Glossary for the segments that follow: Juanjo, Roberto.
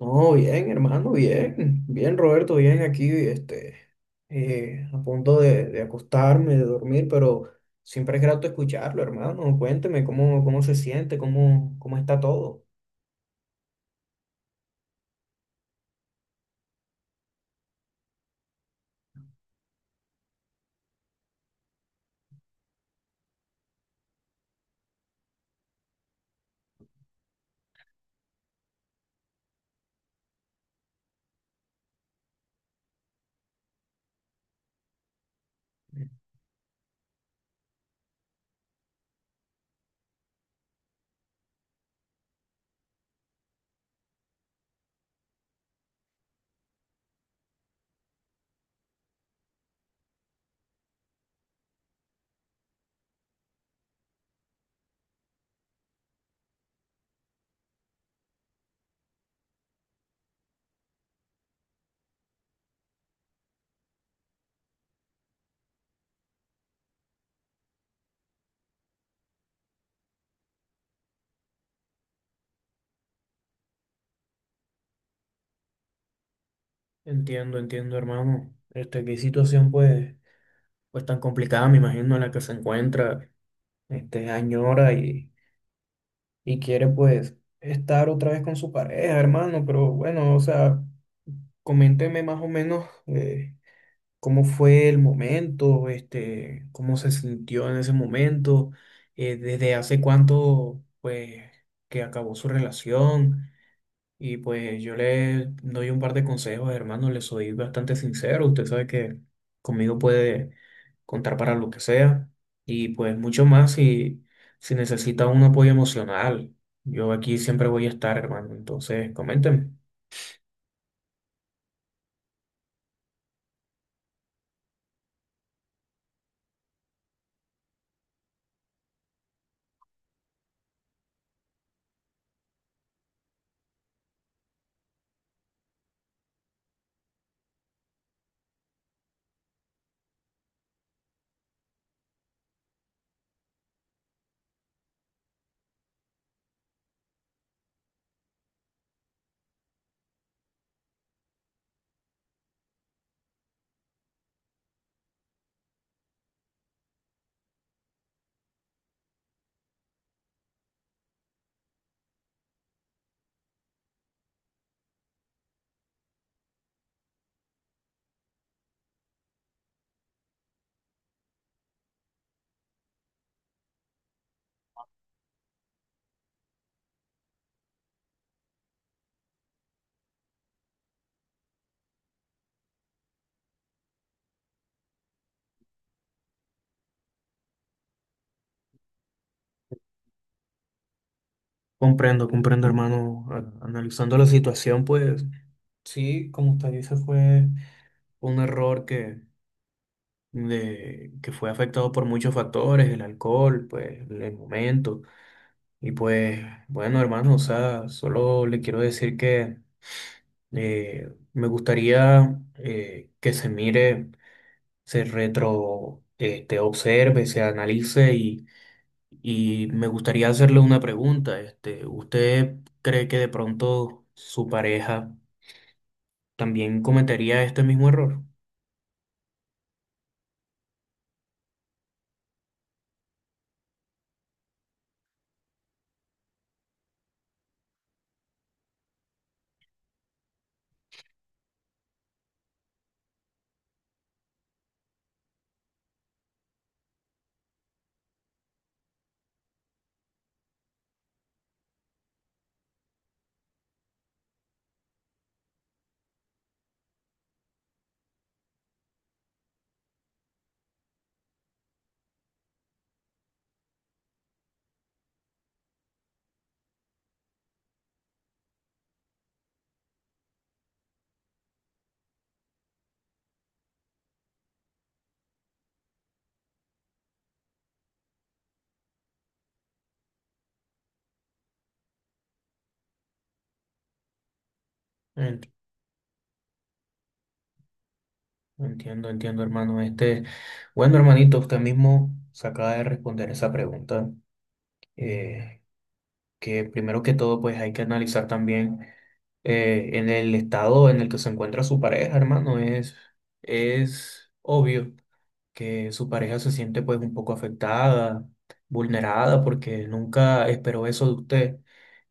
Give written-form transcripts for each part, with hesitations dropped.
No, bien, hermano, bien. Bien, Roberto, bien aquí, a punto de acostarme, de dormir, pero siempre es grato escucharlo, hermano. Cuénteme cómo se siente, cómo está todo. Entiendo, hermano. Qué situación, pues tan complicada, me imagino, en la que se encuentra, añora y quiere, pues, estar otra vez con su pareja, hermano, pero bueno, o sea, coménteme más o menos. Cómo fue el momento, cómo se sintió en ese momento, desde hace cuánto, pues, que acabó su relación. Y pues yo le doy un par de consejos, hermano, le soy bastante sincero. Usted sabe que conmigo puede contar para lo que sea. Y pues mucho más si necesita un apoyo emocional. Yo aquí siempre voy a estar, hermano. Entonces, coménteme. Comprendo, hermano. Analizando la situación, pues sí, como usted dice, fue un error que fue afectado por muchos factores, el alcohol, pues el momento. Y pues, bueno, hermano, o sea, solo le quiero decir que me gustaría que se mire, observe, se analice y me gustaría hacerle una pregunta. ¿Usted cree que de pronto su pareja también cometería este mismo error? Entiendo, hermano. Bueno, hermanito, usted mismo se acaba de responder esa pregunta, eh, que primero que todo, pues hay que analizar también en el estado en el que se encuentra su pareja, hermano. Es obvio que su pareja se siente pues un poco afectada, vulnerada, porque nunca esperó eso de usted.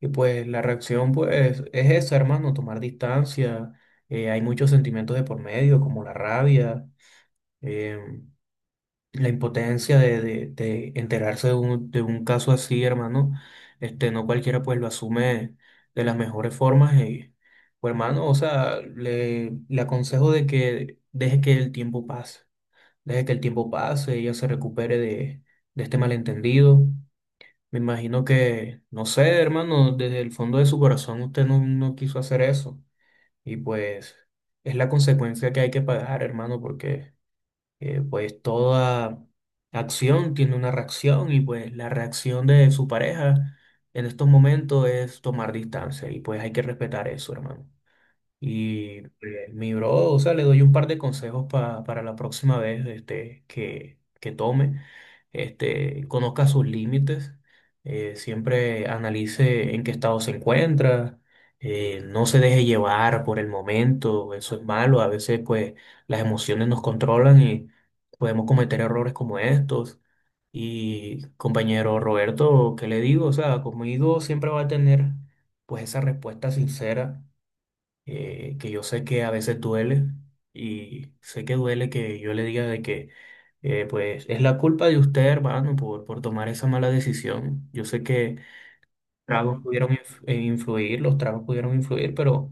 Y pues la reacción pues es esa, hermano, tomar distancia. Hay muchos sentimientos de por medio, como la rabia, eh, la impotencia de enterarse de de un caso así, hermano, no cualquiera pues lo asume de las mejores formas. Y, pues, hermano, o sea, le aconsejo de que deje que el tiempo pase, deje que el tiempo pase, ella se recupere de este malentendido. Me imagino que, no sé, hermano, desde el fondo de su corazón usted no, no quiso hacer eso. Y pues es la consecuencia que hay que pagar, hermano, porque pues toda acción tiene una reacción y pues la reacción de su pareja en estos momentos es tomar distancia y pues hay que respetar eso, hermano. Y mi bro, o sea, le doy un par de consejos para la próxima vez que tome. Este, conozca sus límites, siempre analice en qué estado se encuentra, no se deje llevar por el momento, eso es malo. A veces, pues, las emociones nos controlan y podemos cometer errores como estos. Y compañero Roberto, ¿qué le digo? O sea, conmigo siempre va a tener, pues, esa respuesta sincera, que yo sé que a veces duele y sé que duele que yo le diga de que pues es la culpa de usted, hermano, por tomar esa mala decisión. Yo sé que influir, los tragos pudieron influir, pero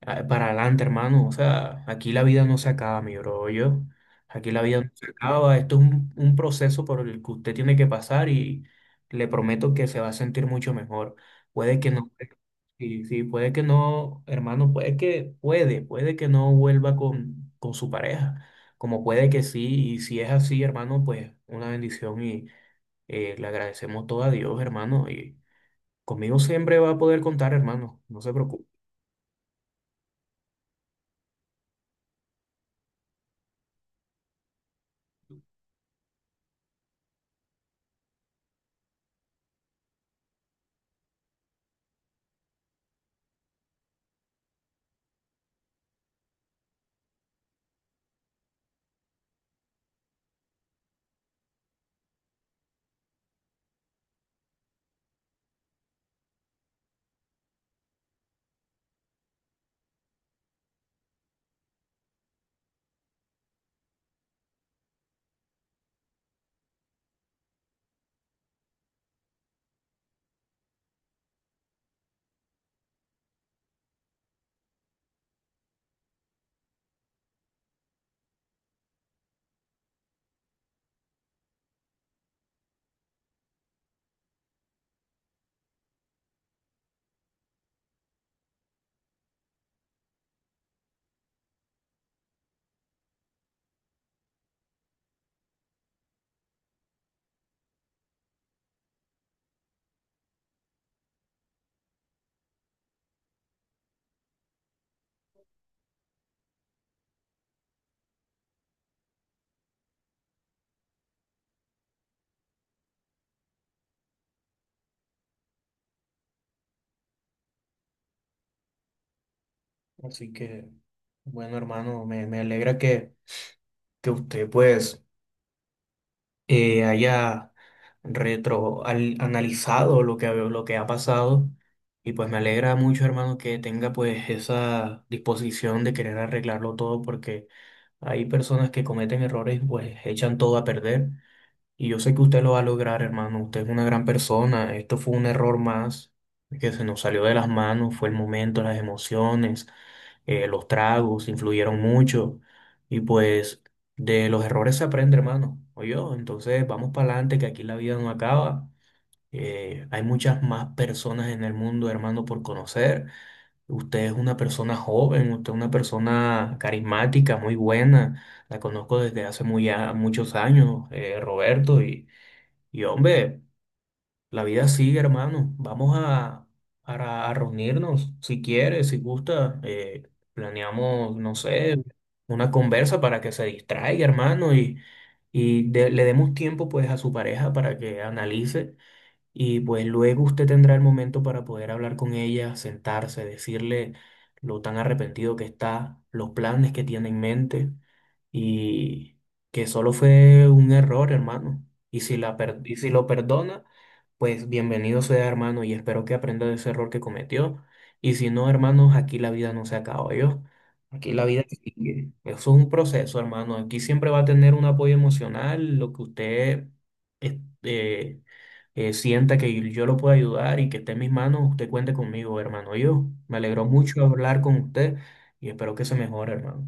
ah, para adelante, hermano. O sea, aquí la vida no se acaba, mi bro. Yo, aquí la vida no se acaba. Esto es un proceso por el que usted tiene que pasar y le prometo que se va a sentir mucho mejor. Puede que no, sí, sí, puede que no, hermano, puede que no vuelva con su pareja, como puede que sí. Y si es así, hermano, pues una bendición y le agradecemos todo a Dios, hermano. Y conmigo siempre va a poder contar, hermano. No se preocupe. Así que, bueno, hermano, me alegra que usted pues haya analizado lo que ha pasado y pues me alegra mucho, hermano, que tenga pues esa disposición de querer arreglarlo todo porque hay personas que cometen errores y pues echan todo a perder y yo sé que usted lo va a lograr, hermano. Usted es una gran persona. Esto fue un error más que se nos salió de las manos. Fue el momento, las emociones, los tragos influyeron mucho. Y pues de los errores se aprende, hermano. Oye, oh, entonces vamos para adelante, que aquí la vida no acaba. Hay muchas más personas en el mundo, hermano, por conocer. Usted es una persona joven, usted es una persona carismática, muy buena. La conozco desde hace muchos años, Roberto. Y hombre, la vida sigue, hermano. Vamos a reunirnos, si quiere, si gusta. Planeamos, no sé, una conversa para que se distraiga, hermano, y, le demos tiempo pues a su pareja para que analice. Y pues luego usted tendrá el momento para poder hablar con ella, sentarse, decirle lo tan arrepentido que está, los planes que tiene en mente y que solo fue un error, hermano. Y y si lo perdona, pues bienvenido sea, hermano, y espero que aprenda de ese error que cometió. Y si no, hermanos, aquí la vida no se acaba, yo. Aquí la vida sigue. Eso es un proceso, hermano. Aquí siempre va a tener un apoyo emocional, lo que usted este, sienta que yo lo puedo ayudar y que esté en mis manos, usted cuente conmigo, hermano. Yo me alegró mucho hablar con usted y espero que se mejore, hermano.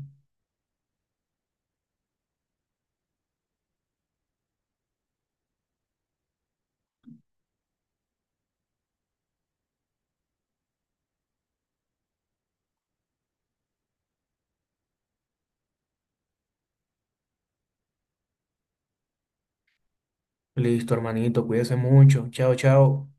Listo, hermanito, cuídese mucho. Chao, chao.